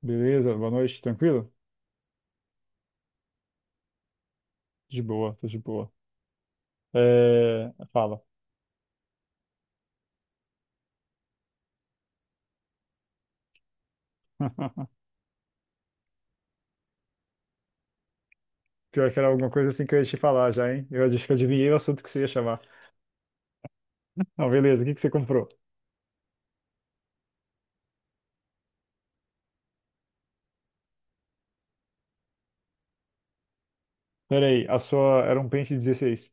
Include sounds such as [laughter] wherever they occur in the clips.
Beleza? Boa noite, tranquilo? De boa, tô de boa. É, fala. [laughs] Pior que era alguma coisa assim que eu ia te falar já, hein? Eu acho que adivinhei o assunto que você ia chamar. Não, beleza, o que que você comprou? Pera aí, a sua era um pente 16.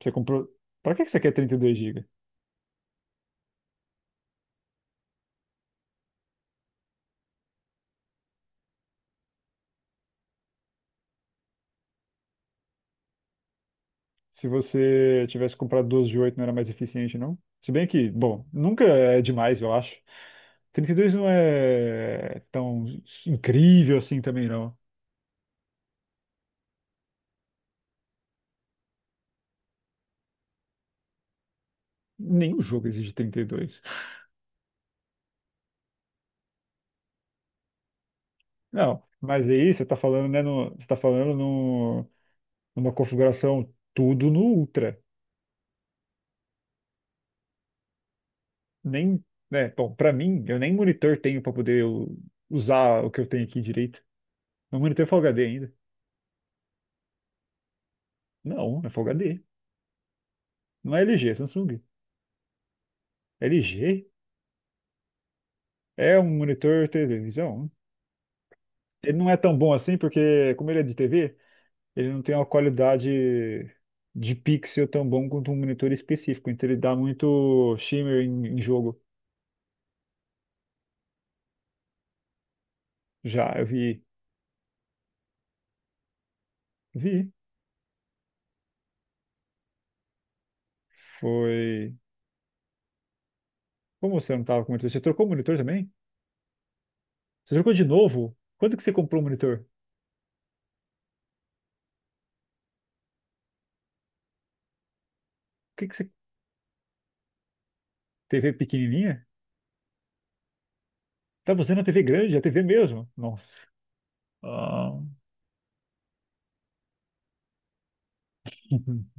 Você comprou. Pra que que você quer 32 gigas? Se você tivesse comprado 12 de 8, não era mais eficiente, não? Se bem que, bom, nunca é demais, eu acho. 32 não é tão incrível assim também, não. Nenhum jogo exige 32. Não, mas aí você está falando, né, no, você tá falando no, numa configuração tudo no Ultra. Nem, né, bom, para mim, eu nem monitor tenho para poder usar o que eu tenho aqui direito. Meu monitor é Full HD ainda. Não, é Full HD. Não é LG, é Samsung. LG é um monitor televisão. Ele não é tão bom assim porque, como ele é de TV, ele não tem uma qualidade de pixel tão bom quanto um monitor específico. Então ele dá muito shimmer em jogo. Já, eu vi. Vi. Foi. Como você não tava com monitor? Você trocou o monitor também? Você trocou de novo? Quando que você comprou o monitor? O que que você. TV pequenininha? Tava usando a TV grande, a TV mesmo? Nossa. Ah. [laughs]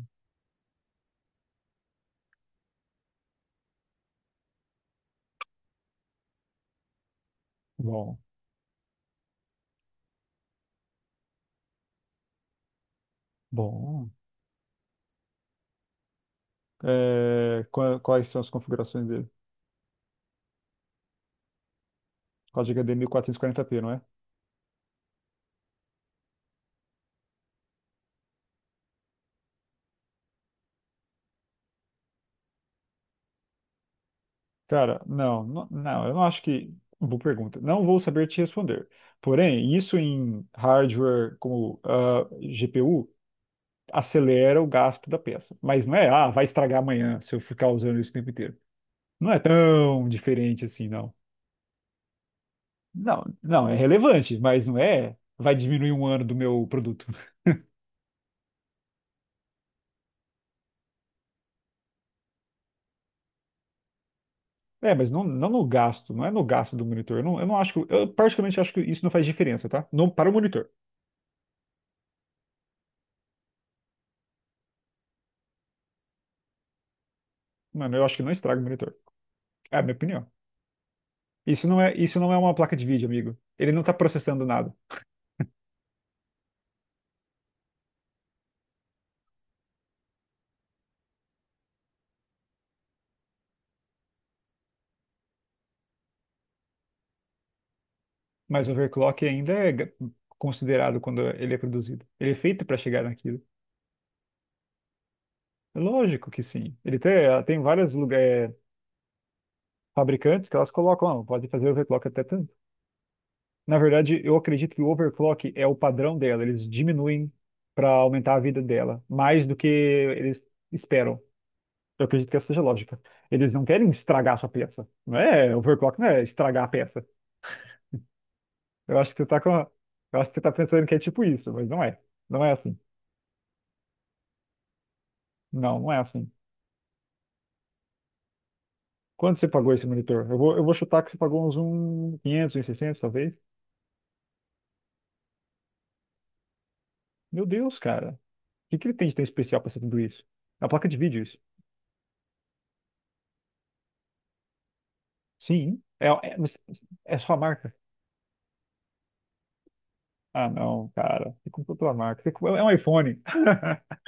Bom, bom. É, quais são as configurações dele? Código H D 1440p não é? Cara, não, não, não, eu não acho que. Boa pergunta. Não vou saber te responder. Porém, isso em hardware como GPU acelera o gasto da peça. Mas não é, vai estragar amanhã se eu ficar usando isso o tempo inteiro. Não é tão diferente assim, não. Não, não, é relevante, mas não é, vai diminuir um ano do meu produto. [laughs] É, mas não no gasto, não é no gasto do monitor. Eu não acho que, eu particularmente acho que isso não faz diferença, tá? Não, para o monitor. Mano, eu acho que não estraga o monitor. É a minha opinião. Isso não é uma placa de vídeo, amigo. Ele não está processando nada. Mas o overclock ainda é considerado quando ele é produzido. Ele é feito para chegar naquilo. Lógico que sim. Ele tem vários lugares, fabricantes que elas colocam, "Ah, pode fazer overclock até tanto. Na verdade, eu acredito que o overclock é o padrão dela. Eles diminuem para aumentar a vida dela, mais do que eles esperam. Eu acredito que essa seja a lógica. Eles não querem estragar a sua peça. Não é overclock, não é estragar a peça. Eu acho que você tá com, a- eu acho que você tá pensando que é tipo isso, mas não é. Não é assim. Não, não é assim. Quanto você pagou esse monitor? Eu vou chutar que você pagou uns 1.500 uns 600, talvez. Meu Deus, cara. O que que ele tem de tão especial para ser tudo isso? É uma placa de vídeo isso. Sim, é, mas é sua marca. Ah, não, cara. Você comprou tua marca. É um iPhone. [laughs]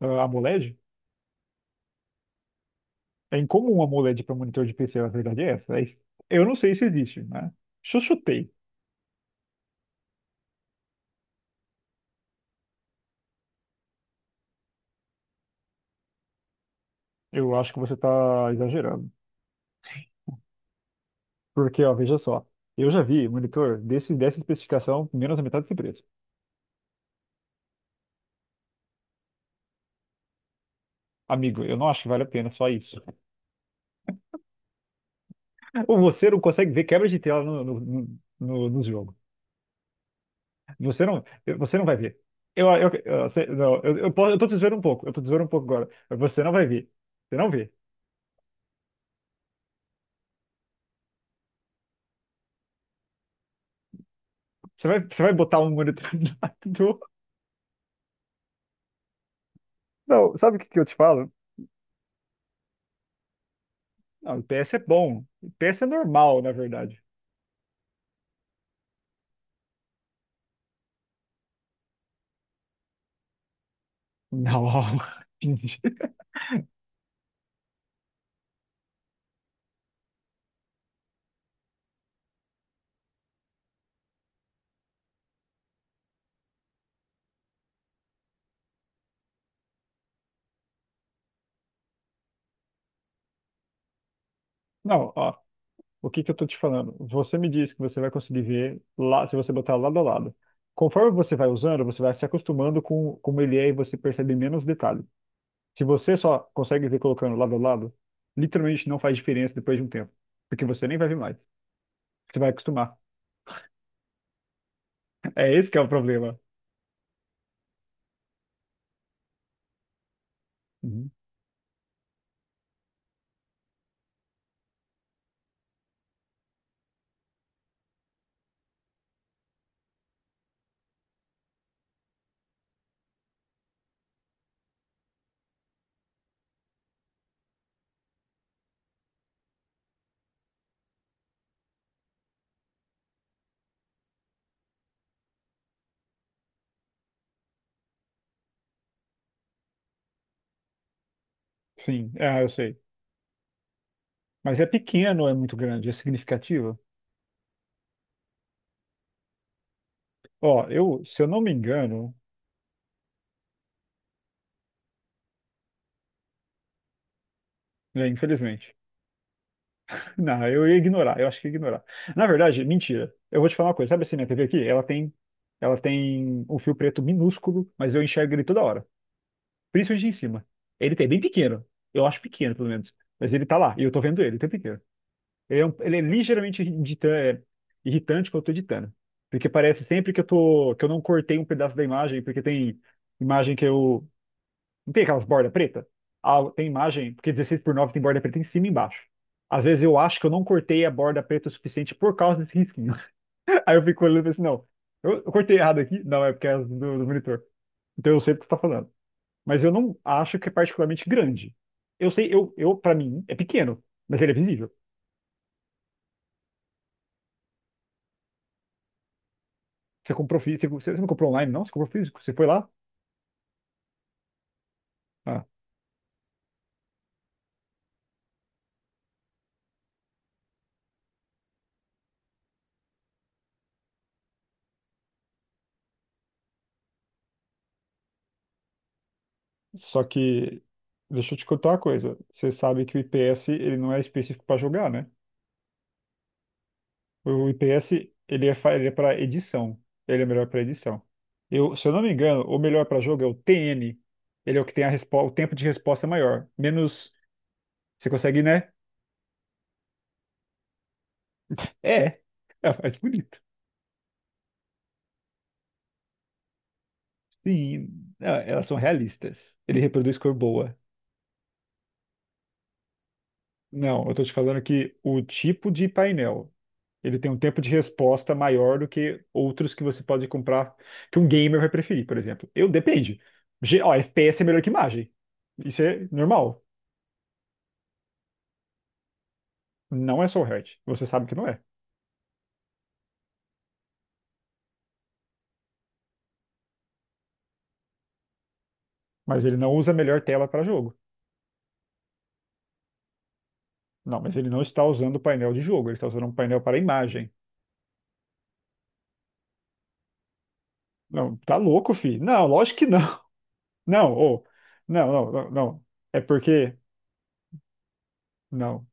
Ah, AMOLED? É incomum um AMOLED para monitor de PC, a verdade é essa. Eu não sei se existe, né? Se eu chutei, eu acho que você está exagerando. Porque, ó, veja só. Eu já vi monitor desse, dessa especificação menos da metade desse preço. Amigo, eu não acho que vale a pena só isso. Ou você não consegue ver quebra de tela nos jogos. Você não, você não vai ver. Não, eu tô te zoando um pouco, eu tô te zoando um pouco agora. Mas você não vai ver. Você não vê. Você vai botar um monitorador. [laughs] Não, sabe o que que eu te falo? Não, IPS é bom. IPS é normal, na verdade. Não, [laughs] não, ó. O que que eu tô te falando? Você me disse que você vai conseguir ver lá, se você botar lado a lado. Conforme você vai usando, você vai se acostumando com como ele é e você percebe menos detalhes. Se você só consegue ver colocando lado a lado, literalmente não faz diferença depois de um tempo. Porque você nem vai ver mais. Você vai acostumar. [laughs] É esse que é o problema. Uhum. Sim, eu sei. Mas é pequeno, é muito grande, é significativo. Ó, se eu não me engano, né, infelizmente. [laughs] Não, eu ia ignorar, eu acho que ia ignorar. Na verdade, mentira. Eu vou te falar uma coisa. Sabe assim, minha TV aqui? Ela tem um fio preto minúsculo, mas eu enxergo ele toda hora. Principalmente em cima. Ele tem bem pequeno. Eu acho pequeno, pelo menos. Mas ele tá lá, e eu tô vendo ele o tempo inteiro. Ele é ligeiramente irritante quando eu tô editando. Porque parece sempre que eu não cortei um pedaço da imagem, porque tem imagem que eu. Não tem aquelas bordas pretas? Ah, tem imagem, porque 16:9 tem borda preta em cima e embaixo. Às vezes eu acho que eu não cortei a borda preta o suficiente por causa desse risquinho. [laughs] Aí eu fico olhando e penso, não, eu cortei errado aqui? Não, é porque é do monitor. Então eu sei o que você tá falando. Mas eu não acho que é particularmente grande. Eu sei, eu para mim, é pequeno, mas ele é visível. Você comprou físico, você não comprou online, não? Você comprou físico? Você foi lá? Ah, só que, deixa eu te contar uma coisa. Você sabe que o IPS, ele não é específico para jogar, né? O IPS, ele é para edição. Ele é melhor para edição. Eu, se eu não me engano, o melhor para jogo é o TN. Ele é o que tem o tempo de resposta maior. Menos, você consegue, né? É, [laughs] é mais bonito. Sim, elas são realistas. Ele reproduz cor boa. Não, eu tô te falando que o tipo de painel, ele tem um tempo de resposta maior do que outros que você pode comprar, que um gamer vai preferir, por exemplo. Eu depende. Ó, FPS é melhor que imagem. Isso é normal. Não é só o Hertz. Você sabe que não é. Mas ele não usa a melhor tela para jogo. Não, mas ele não está usando o painel de jogo, ele está usando um painel para imagem. Não, tá louco, fi. Não, lógico que não. [laughs] Não, ô. Não, não, não, não. É porque. Não,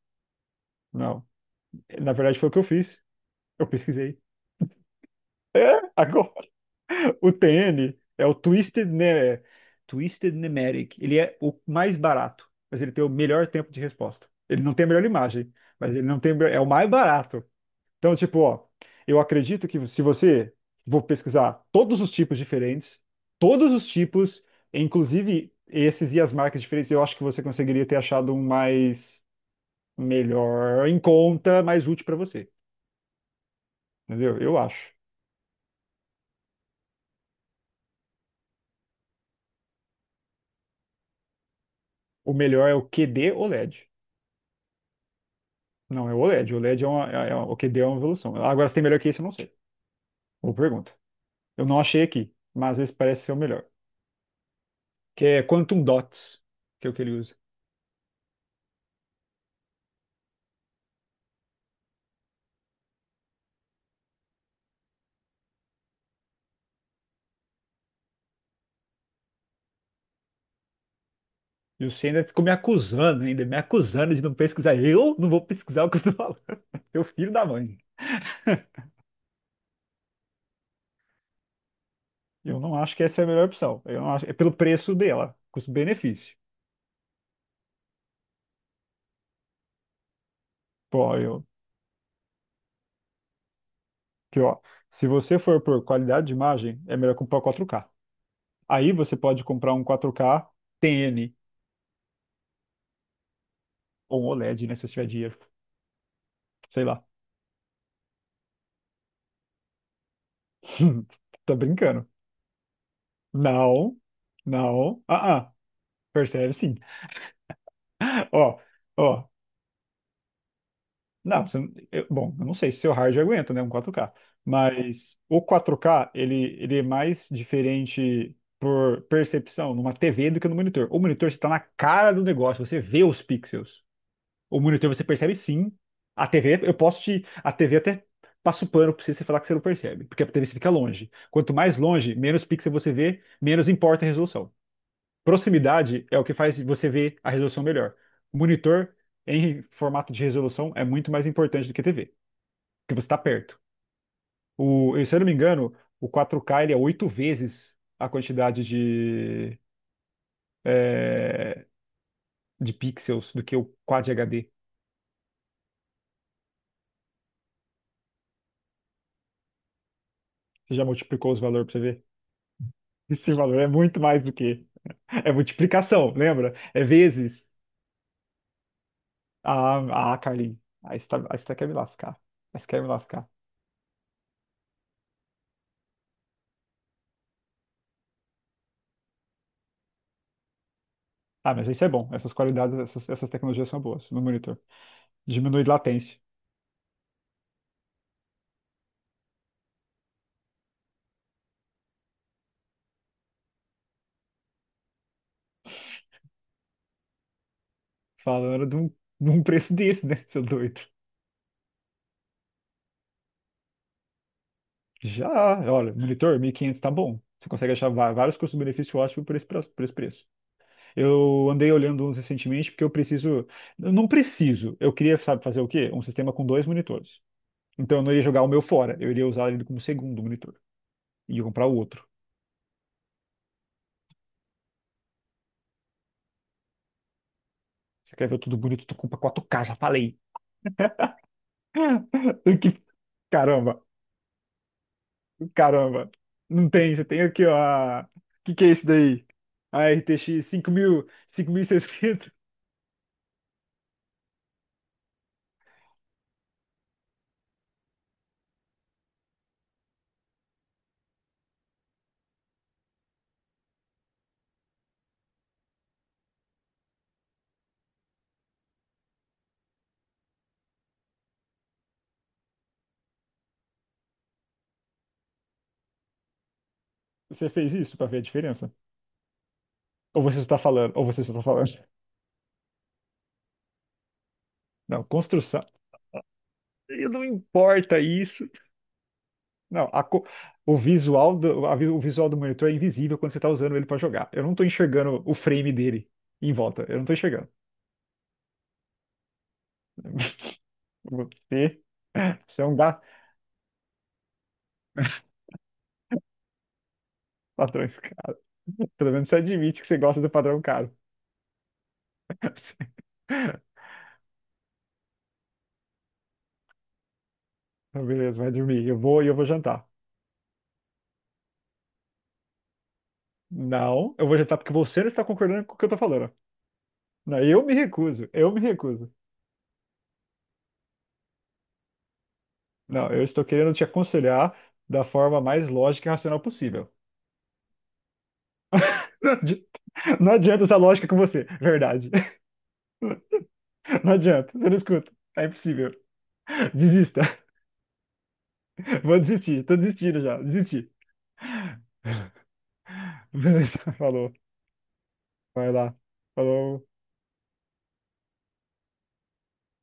não. Na verdade, foi o que eu fiz. Eu pesquisei. É, agora [laughs] o TN é o Twisted, ne Twisted Nemeric. Ele é o mais barato, mas ele tem o melhor tempo de resposta. Ele não tem a melhor imagem, mas ele não tem, é o mais barato. Então, tipo, ó, eu acredito que se você vou pesquisar todos os tipos diferentes, todos os tipos, inclusive esses e as marcas diferentes, eu acho que você conseguiria ter achado um mais melhor em conta, mais útil para você. Entendeu? Eu acho. O melhor é o QD OLED. Não, é o OLED. O LED é o que deu uma evolução. Agora, se tem melhor que isso, eu não sei. Boa pergunta. Eu não achei aqui, mas às parece ser o melhor. Que é Quantum Dots, que é o que ele usa. E você ainda ficou me acusando, ainda me acusando de não pesquisar. Eu não vou pesquisar o que eu tô falando. [laughs] Meu filho da mãe. Eu não acho que essa é a melhor opção. Eu não acho, é pelo preço dela, custo-benefício. Pô, que ó, se você for por qualidade de imagem, é melhor comprar o 4K. Aí você pode comprar um 4K TN ou um OLED, né, se você tiver dinheiro. Sei lá. [laughs] Tá brincando. Não, não. Percebe sim. Ó, ó. Não, bom, eu não sei se seu hard aguenta, né? Um 4K. Mas o 4K, ele é mais diferente por percepção numa TV do que no monitor. O monitor está na cara do negócio, você vê os pixels. O monitor você percebe sim. A TV, eu posso te. A TV até passa o pano pra você, você falar que você não percebe, porque a TV você fica longe. Quanto mais longe, menos pixel você vê, menos importa a resolução. Proximidade é o que faz você ver a resolução melhor. O monitor em formato de resolução é muito mais importante do que a TV, porque você está perto. Se eu não me engano, o 4K ele é oito vezes a quantidade é, de pixels do que o Quad HD. Você já multiplicou os valores para você ver? [laughs] Esse valor é muito mais do que. É multiplicação, lembra? É vezes. Ah, Carlinhos. Aí você, tá, quer me lascar. Aí você quer me lascar. Ah, mas isso é bom. Essas qualidades, essas tecnologias são boas no monitor. Diminui latência. Falando de um, preço desse, né, seu doido? Já, olha, monitor, 1.500 tá bom. Você consegue achar vários custo-benefício ótimo por esse, por esse preço. Eu andei olhando uns recentemente porque eu preciso. Eu Não preciso. Eu queria, sabe, fazer o quê? Um sistema com 2 monitores. Então eu não ia jogar o meu fora. Eu iria usar ele como segundo monitor. E ia comprar o outro. Você quer ver tudo bonito? Tu compra 4K já falei. [laughs] Que- Caramba, Caramba, não tem, você tem aqui, ó. O que que é isso daí? A RTX 5000, 5600. Você fez isso pra ver a diferença? Ou você está falando, ou você só está falando. [laughs] Não, construção. E não importa isso. Não, o visual do monitor é invisível quando você está usando ele para jogar. Eu não estou enxergando o frame dele em volta. Eu não estou enxergando. [laughs] Você, você é um gato. Patrões, cara. Pelo menos você admite que você gosta do padrão caro. [laughs] Beleza, vai dormir. Eu vou e eu vou jantar. Não, eu vou rejeitar porque você não está concordando com o que eu estou falando. Não, eu me recuso, eu me recuso. Não, eu estou querendo te aconselhar da forma mais lógica e racional possível. [laughs] Não adi- não adianta essa lógica com você, verdade. [laughs] Não adianta, eu não escuto. É impossível. Desista. [laughs] Vou desistir, tô desistindo já, desisti. [laughs] Beleza, falou. Vai lá. Falou.